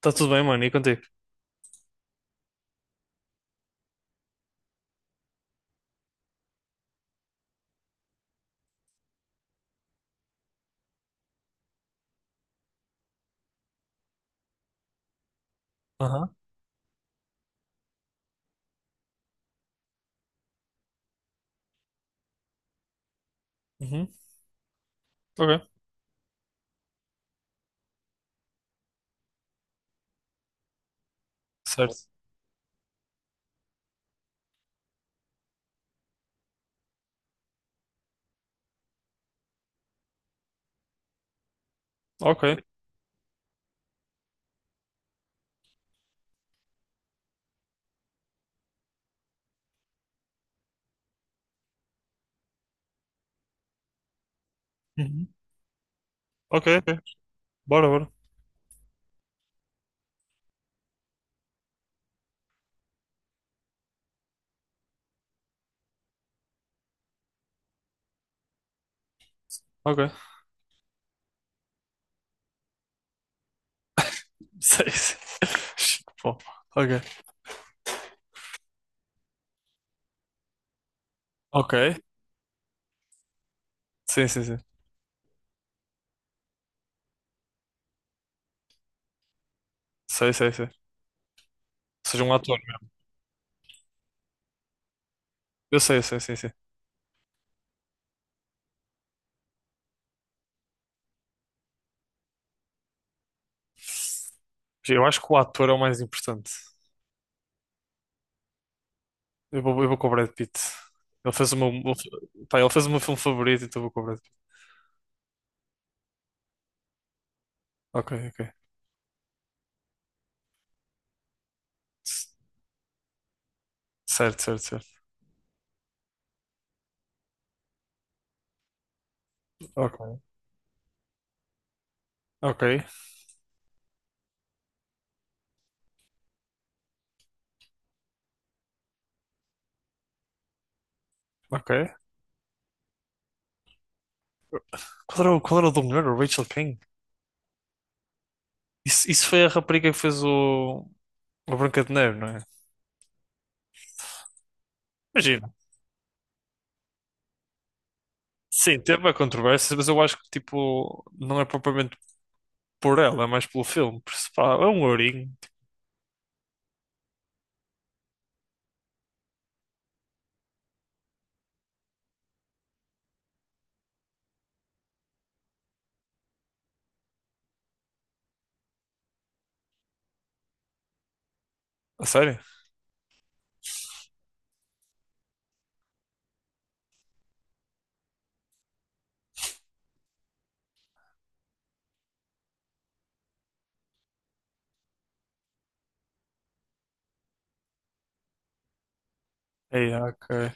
Tá tudo bem, mano, e contigo? Aham. Uhum. Ok. Certo. Ok. Uhum. Ok, ok. Bora, bora. Ok. Sei, sei. Bom, ok. Ok. Sim, sim, sim. Sei, sei, sei. Seja um ator mesmo. Eu sei, sim, sim. Eu acho que o ator é o mais importante. Eu vou com o Brad Pitt. Ele fez o meu, o- pá, ele fez o meu filme favorito, então eu vou com o Brad Pitt. Ok, ok. C- Certo, certo, certo. Ok, ok, ok. Qual era o do melhor? O Rachel King? Isso foi a rapariga que fez o Branca de Neve, não é? Imagina. Sim, teve a controvérsia, mas eu acho que, tipo, não é propriamente por ela, é mais pelo filme. Por isso, pá, é um ourinho. Tipo. A sério? É, ok.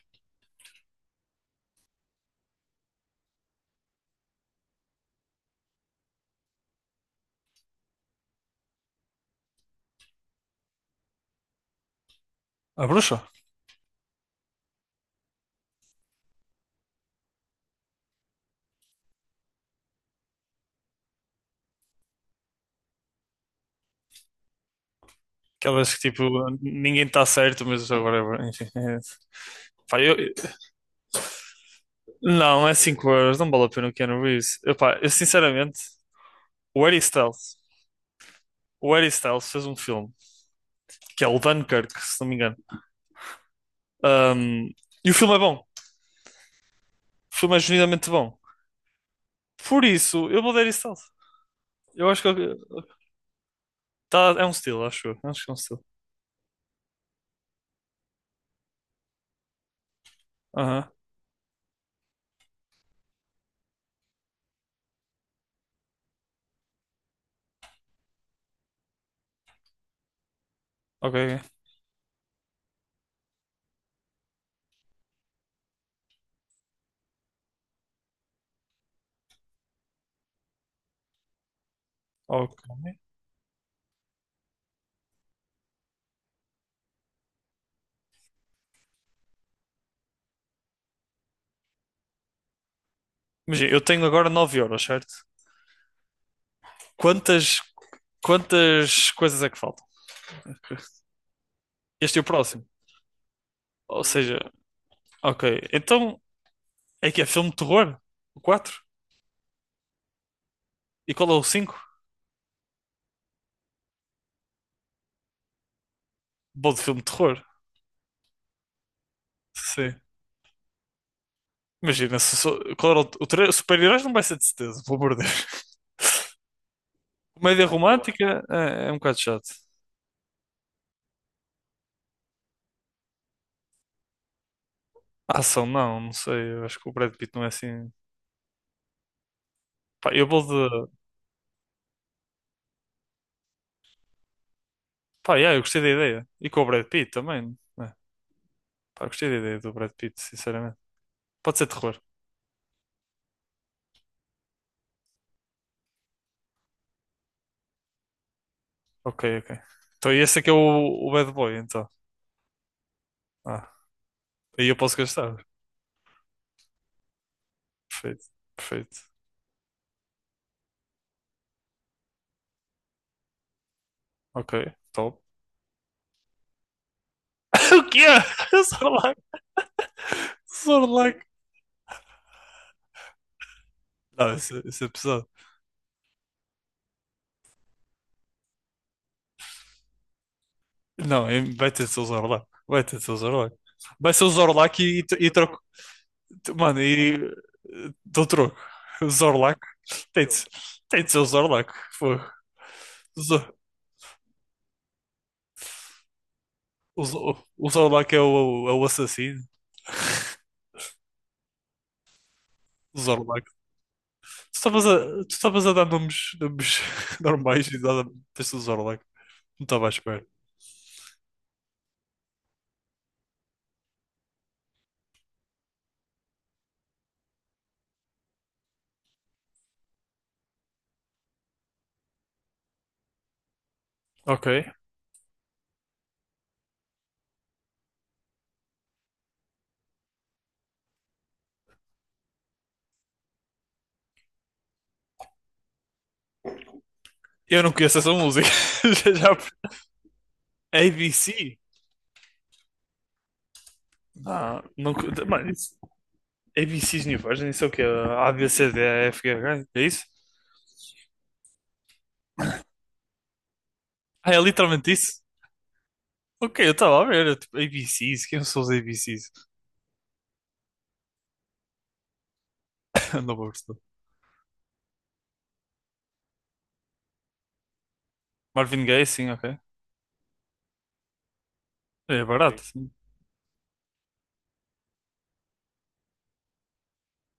A bruxa? Aquelas que, tipo, ninguém está certo, mas agora, enfim. É. Pá, eu. Não, é 5 euros, não vale a pena o Keanu Reeves. Epá, eu sinceramente, o Harry Styles, o Harry Styles fez um filme, que é o Dunkirk, se não me engano. Um, e o filme é bom. O filme é genuinamente bom. Por isso, eu vou dar Harry Styles. Eu acho que tá, é um estilo, acho eu. Acho que é um estilo. Aham, ok, ok. Ok. Imagina, eu tenho agora 9 euros, certo? Quantas, quantas coisas é que faltam? Este é o próximo. Ou seja, ok. Então, é que é filme de terror? O 4? E qual é o 5? Bom de filme de terror. Sim. Imagina, se, sou- qual era o super-heróis não vai ser de certeza, pelo amor de Deus. Comédia romântica é um bocado chato. A ação, não, não sei. Eu acho que o Brad Pitt não é assim. Pá, eu vou de. Pá, yeah, eu gostei da ideia. E com o Brad Pitt também, né? Pá, eu gostei da ideia do Brad Pitt, sinceramente. Pode ser terror. Ok, ok. Então, e esse aqui é o Bad Boy, então. Ah, aí eu posso gastar. Perfeito, perfeito. Ok, top. O que é? Zorlac, Zorlac. Não, isso, isso é pesado. Não, vai ter de ser o Zorlac. Vai ter de ser o Zorlac. Vai ser o Zorlac e troco. Mano, dou troco. O Zorlac tem de, ser- tem de ser o Zorlac. Pô. O, Zo- o Zorlac é o assassino. O Zorlac. Tu estavas a, tu estavas a dar nomes, nomes normais e deste o Zorlac. Não estava à espera. Ok. Eu não conheço essa música. Já, já- ABC? Não, não, mano, ABCs New Version, isso é o quê? A, B, C, D, E, F, G, H, é isso? Ah, é literalmente isso? Ok, eu estava a ver, eu, tipo, ABCs, quem são os ABCs? Não vou gostar. Marvin Gaye, sim, ok. É barato, sim, sim.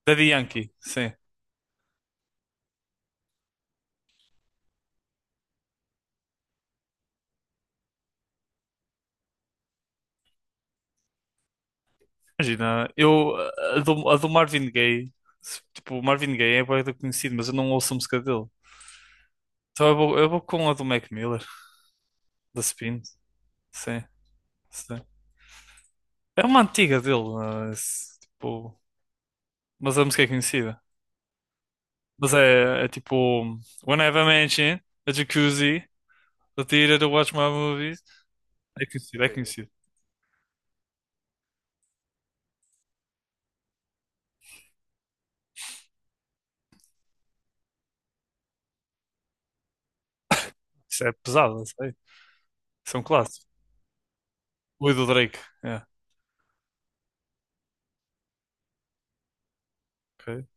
Daddy Yankee, sim. Imagina, eu, a do Marvin Gaye, tipo, o Marvin Gaye é bué da conhecido, mas eu não ouço a música dele. Então eu vou com a do Mac Miller, da Spin, sim, sim. É uma antiga dele, mas, tipo, mas a música é conhecida. Mas é tipo, One Have a Mansion, a jacuzzi, a theater to watch my movies. É conhecido, é conhecido. Isso é pesado, não sei. Isso é um clássico. O do Drake. É, ok.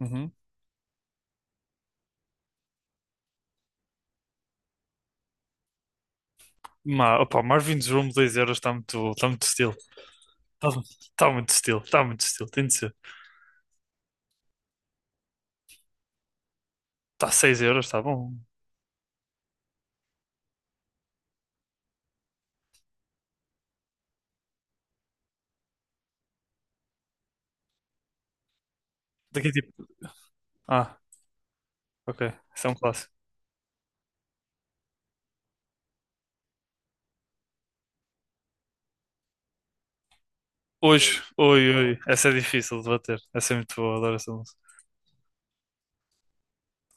Uhum. Opa, Marvin's Room 2 euros está muito estilo. Está tá muito estilo, está muito estilo. Tem de ser. Está 6 euros, está bom. Daqui tipo. Ah, ok. Isso é um clássico. Hoje, oi, oi. Essa é difícil de bater. Essa é muito boa, adoro essa música.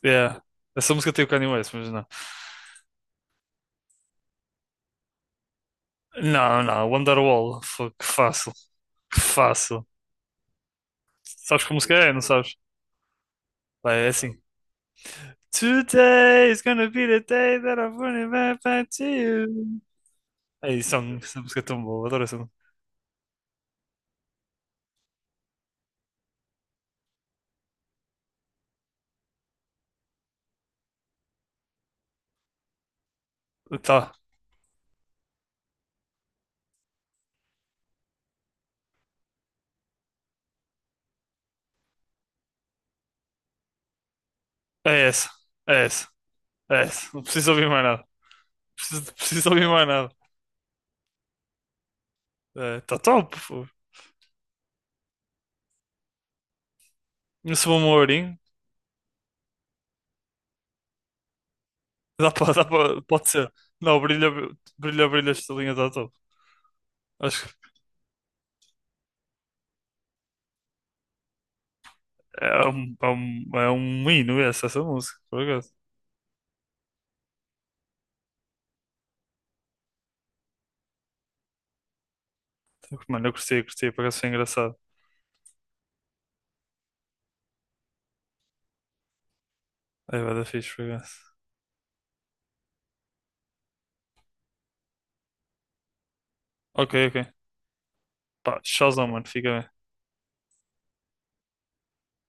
Yeah. Essa música tem o Kanye West, mas não. Não, não, Wonderwall. Foi que fácil. Que fácil. Sabes como música é, não sabes? Vai, é assim. Today is gonna be the day that I'm running back back to you. É isso, essa música é tão boa, adoro essa. Tá, é essa, é essa, é essa. Não preciso ouvir mais nada. Preciso, preciso ouvir mais nada. É, tá top, pô. Não sou um ourinho. Dá pra, pode ser. Não, brilha, brilha, brilha, esta linha tá top. Acho que é um hino essa música, por acaso. Mano, eu curti, curti, por ser engraçado. É, vai dar fixe, por. Ok, ok. Pá, tchauzão, mano, fica bem.